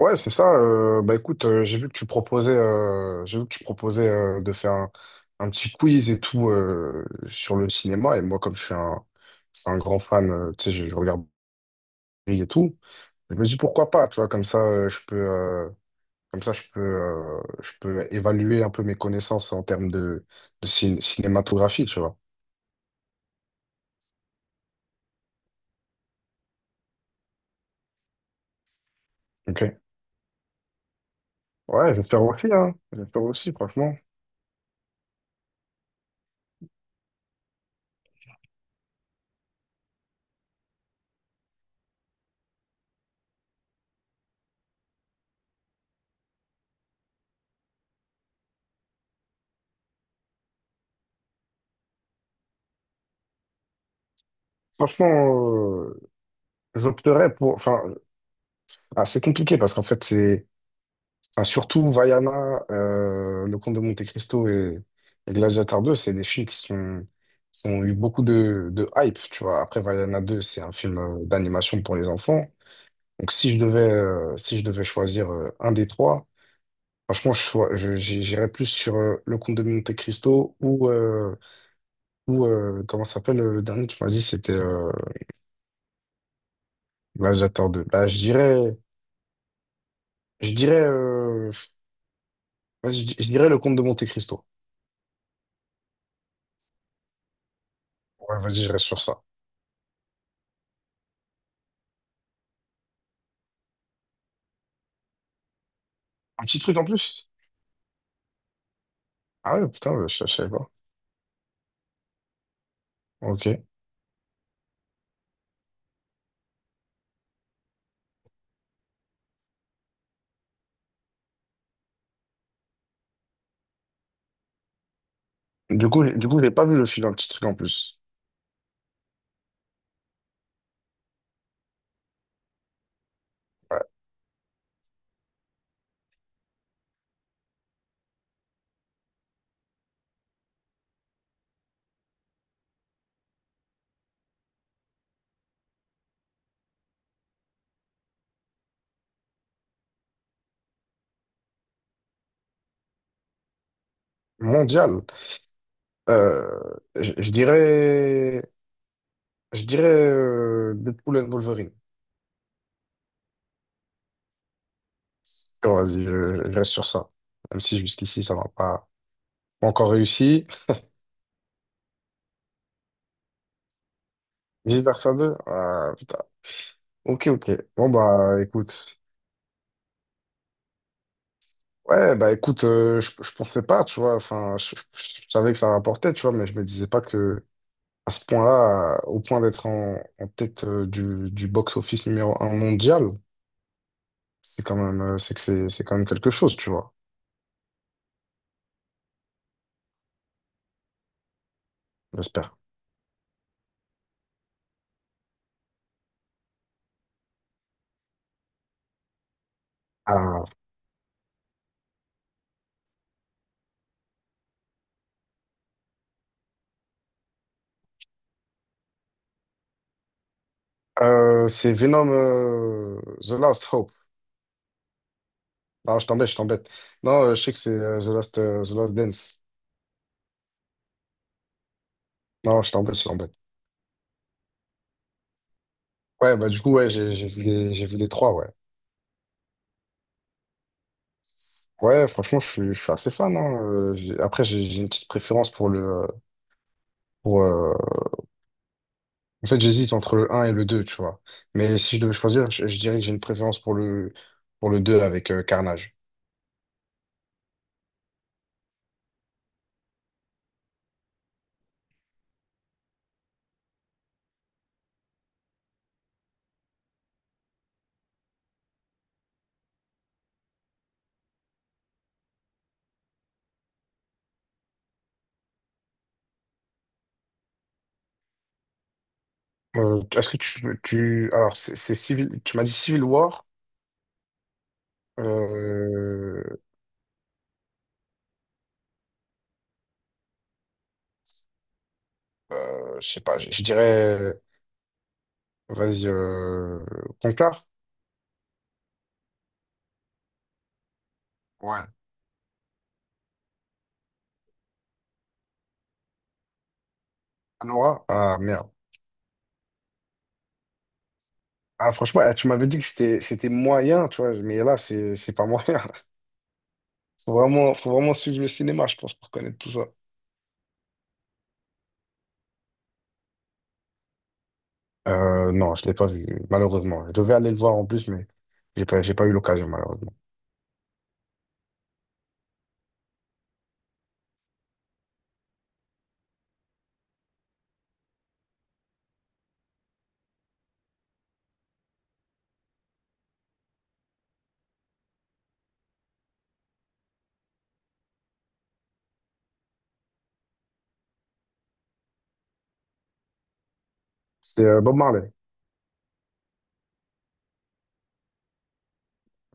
Ouais, c'est ça. Bah écoute, j'ai vu que tu proposais de faire un petit quiz et tout, sur le cinéma. Et moi, comme je suis un grand fan, tu sais, je regarde et tout. Je me dis pourquoi pas, tu vois, comme ça, comme ça, je peux évaluer un peu mes connaissances en termes de cinématographie, tu vois. Ok. Ouais, j'espère aussi, hein. J'espère aussi, franchement. Franchement, euh, j'opterais pour. Enfin, c'est compliqué parce qu'en fait, surtout Vaiana, Le Comte de Monte-Cristo et Gladiator 2, c'est des films qui sont, qui ont eu beaucoup de hype, tu vois. Après, Vaiana deux, c'est un film d'animation pour les enfants. Donc, si je devais choisir un des trois, franchement, je, choi- je- j'i- j'irais plus sur Le Comte de Monte-Cristo ou comment ça s'appelle, le dernier, tu m'as dit, c'était Gladiator 2. Bah, je dirais, vas-y, je dirais Le Comte de Monte-Cristo. Ouais, vas-y, je reste sur ça. Un petit truc en plus? Ah ouais, putain, je savais pas. Ok. Du coup, j'ai pas vu le film, un petit truc en plus. Ouais. Mondial. Euh, je, je dirais, je dirais Deadpool and Wolverine. Bon, vas-y, je reste sur ça. Même si jusqu'ici, ça m'a pas encore réussi. Vice versa 2. Ah, putain. Ok, ok. Bon, bah, écoute. Ouais, bah, écoute, je pensais pas, tu vois. Enfin, je savais que ça rapportait, tu vois, mais je me disais pas que à ce point-là, au point d'être en tête du box-office numéro un mondial, c'est quand même, c'est quand même quelque chose, tu vois. J'espère. Ah. C'est Venom, The Last Hope. Non, je t'embête, je t'embête. Non, je sais que c'est The Last Dance. Non, je t'embête, je t'embête. Ouais, bah du coup, ouais, j'ai vu les trois, ouais. Ouais, franchement, je suis assez fan, hein. Après, j'ai une petite préférence pour pour, euh, en fait, j'hésite entre le un et le 2, tu vois. Mais si je devais choisir, je dirais que j'ai une préférence pour pour le deux avec Carnage. Est-ce que tu... Alors, c'est Civil... Tu m'as dit Civil War. Euh... je sais pas, je dirais... Vas-y, Conclave? Ouais. Anora? Ah, merde. Ah, franchement, eh, tu m'avais dit que c'était moyen, tu vois. Mais là, c'est pas moyen. Faut vraiment suivre le cinéma, je pense, pour connaître tout ça. Non, je l'ai pas vu, malheureusement. Je devais aller le voir en plus, mais j'ai pas eu l'occasion, malheureusement. C'est Bob Marley.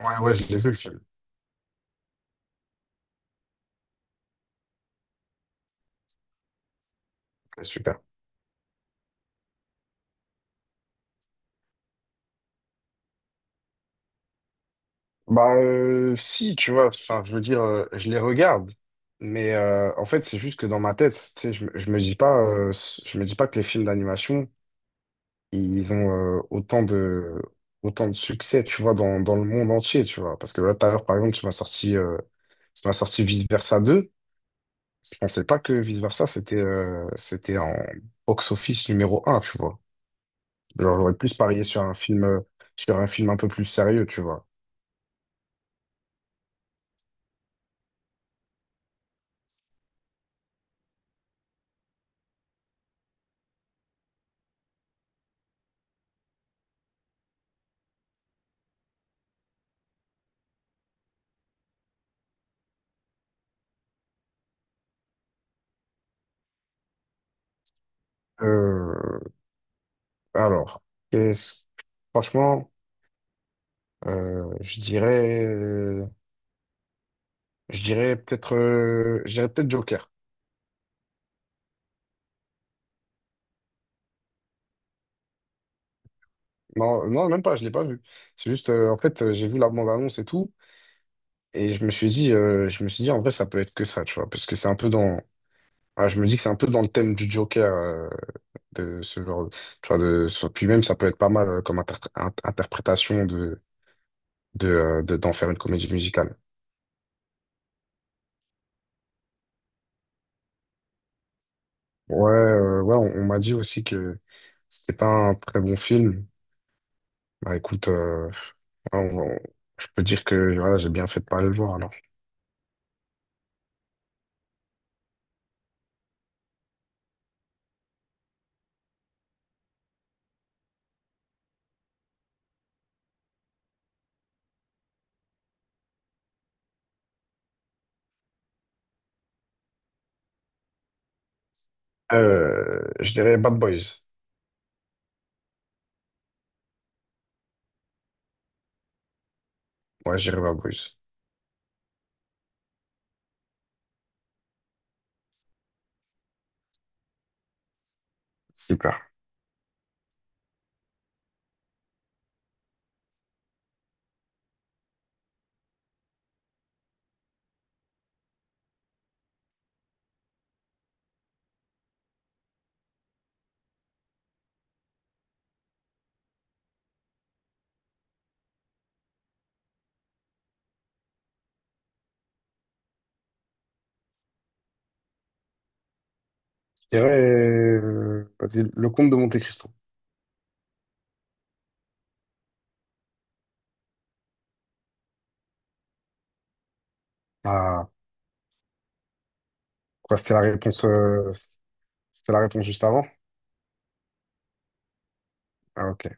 Ouais, ouais, je l'ai vu le film. Ouais, super. Bah, si, tu vois, enfin, je veux dire, je les regarde, mais en fait, c'est juste que dans ma tête, tu sais, je me dis pas que les films d'animation, ils ont autant autant de succès, tu vois, dans le monde entier, tu vois. Parce que là, tout à l'heure, par exemple, tu m'as sorti Vice Versa deux. Je pensais pas que Vice Versa, c'était en box-office numéro un, tu vois. Genre, j'aurais plus parié sur un film un peu plus sérieux, tu vois. Euh, alors, qu'est-ce- franchement, euh, je dirais, euh, je dirais peut-être Joker. Non, non, même pas, je l'ai pas vu. C'est juste, en fait, j'ai vu la bande-annonce et tout. Et je me suis dit, en vrai, ça peut être que ça, tu vois, parce que c'est un peu dans. Ah, je me dis que c'est un peu dans le thème du Joker, de ce genre, tu vois, puis même, ça peut être pas mal comme interprétation d'en faire une comédie musicale. Ouais, ouais, on m'a dit aussi que c'était pas un très bon film. Bah écoute, ouais, je peux dire que voilà, j'ai bien fait de pas aller le voir alors. Je dirais Bad Boys. Ouais, je dirais Bad Boys. Super. Je dirais, vas-y, le comte de Monte-Cristo. Ah, quoi, c'était la réponse juste avant? Ah, ok.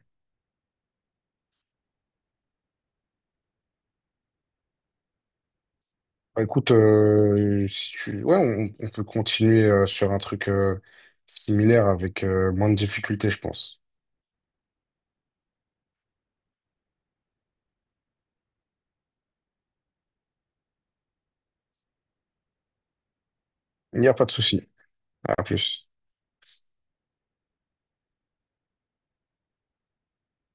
Bah, écoute, si tu... ouais, on peut continuer sur un truc similaire avec moins de difficultés, je pense. Il n'y a pas de souci. À plus.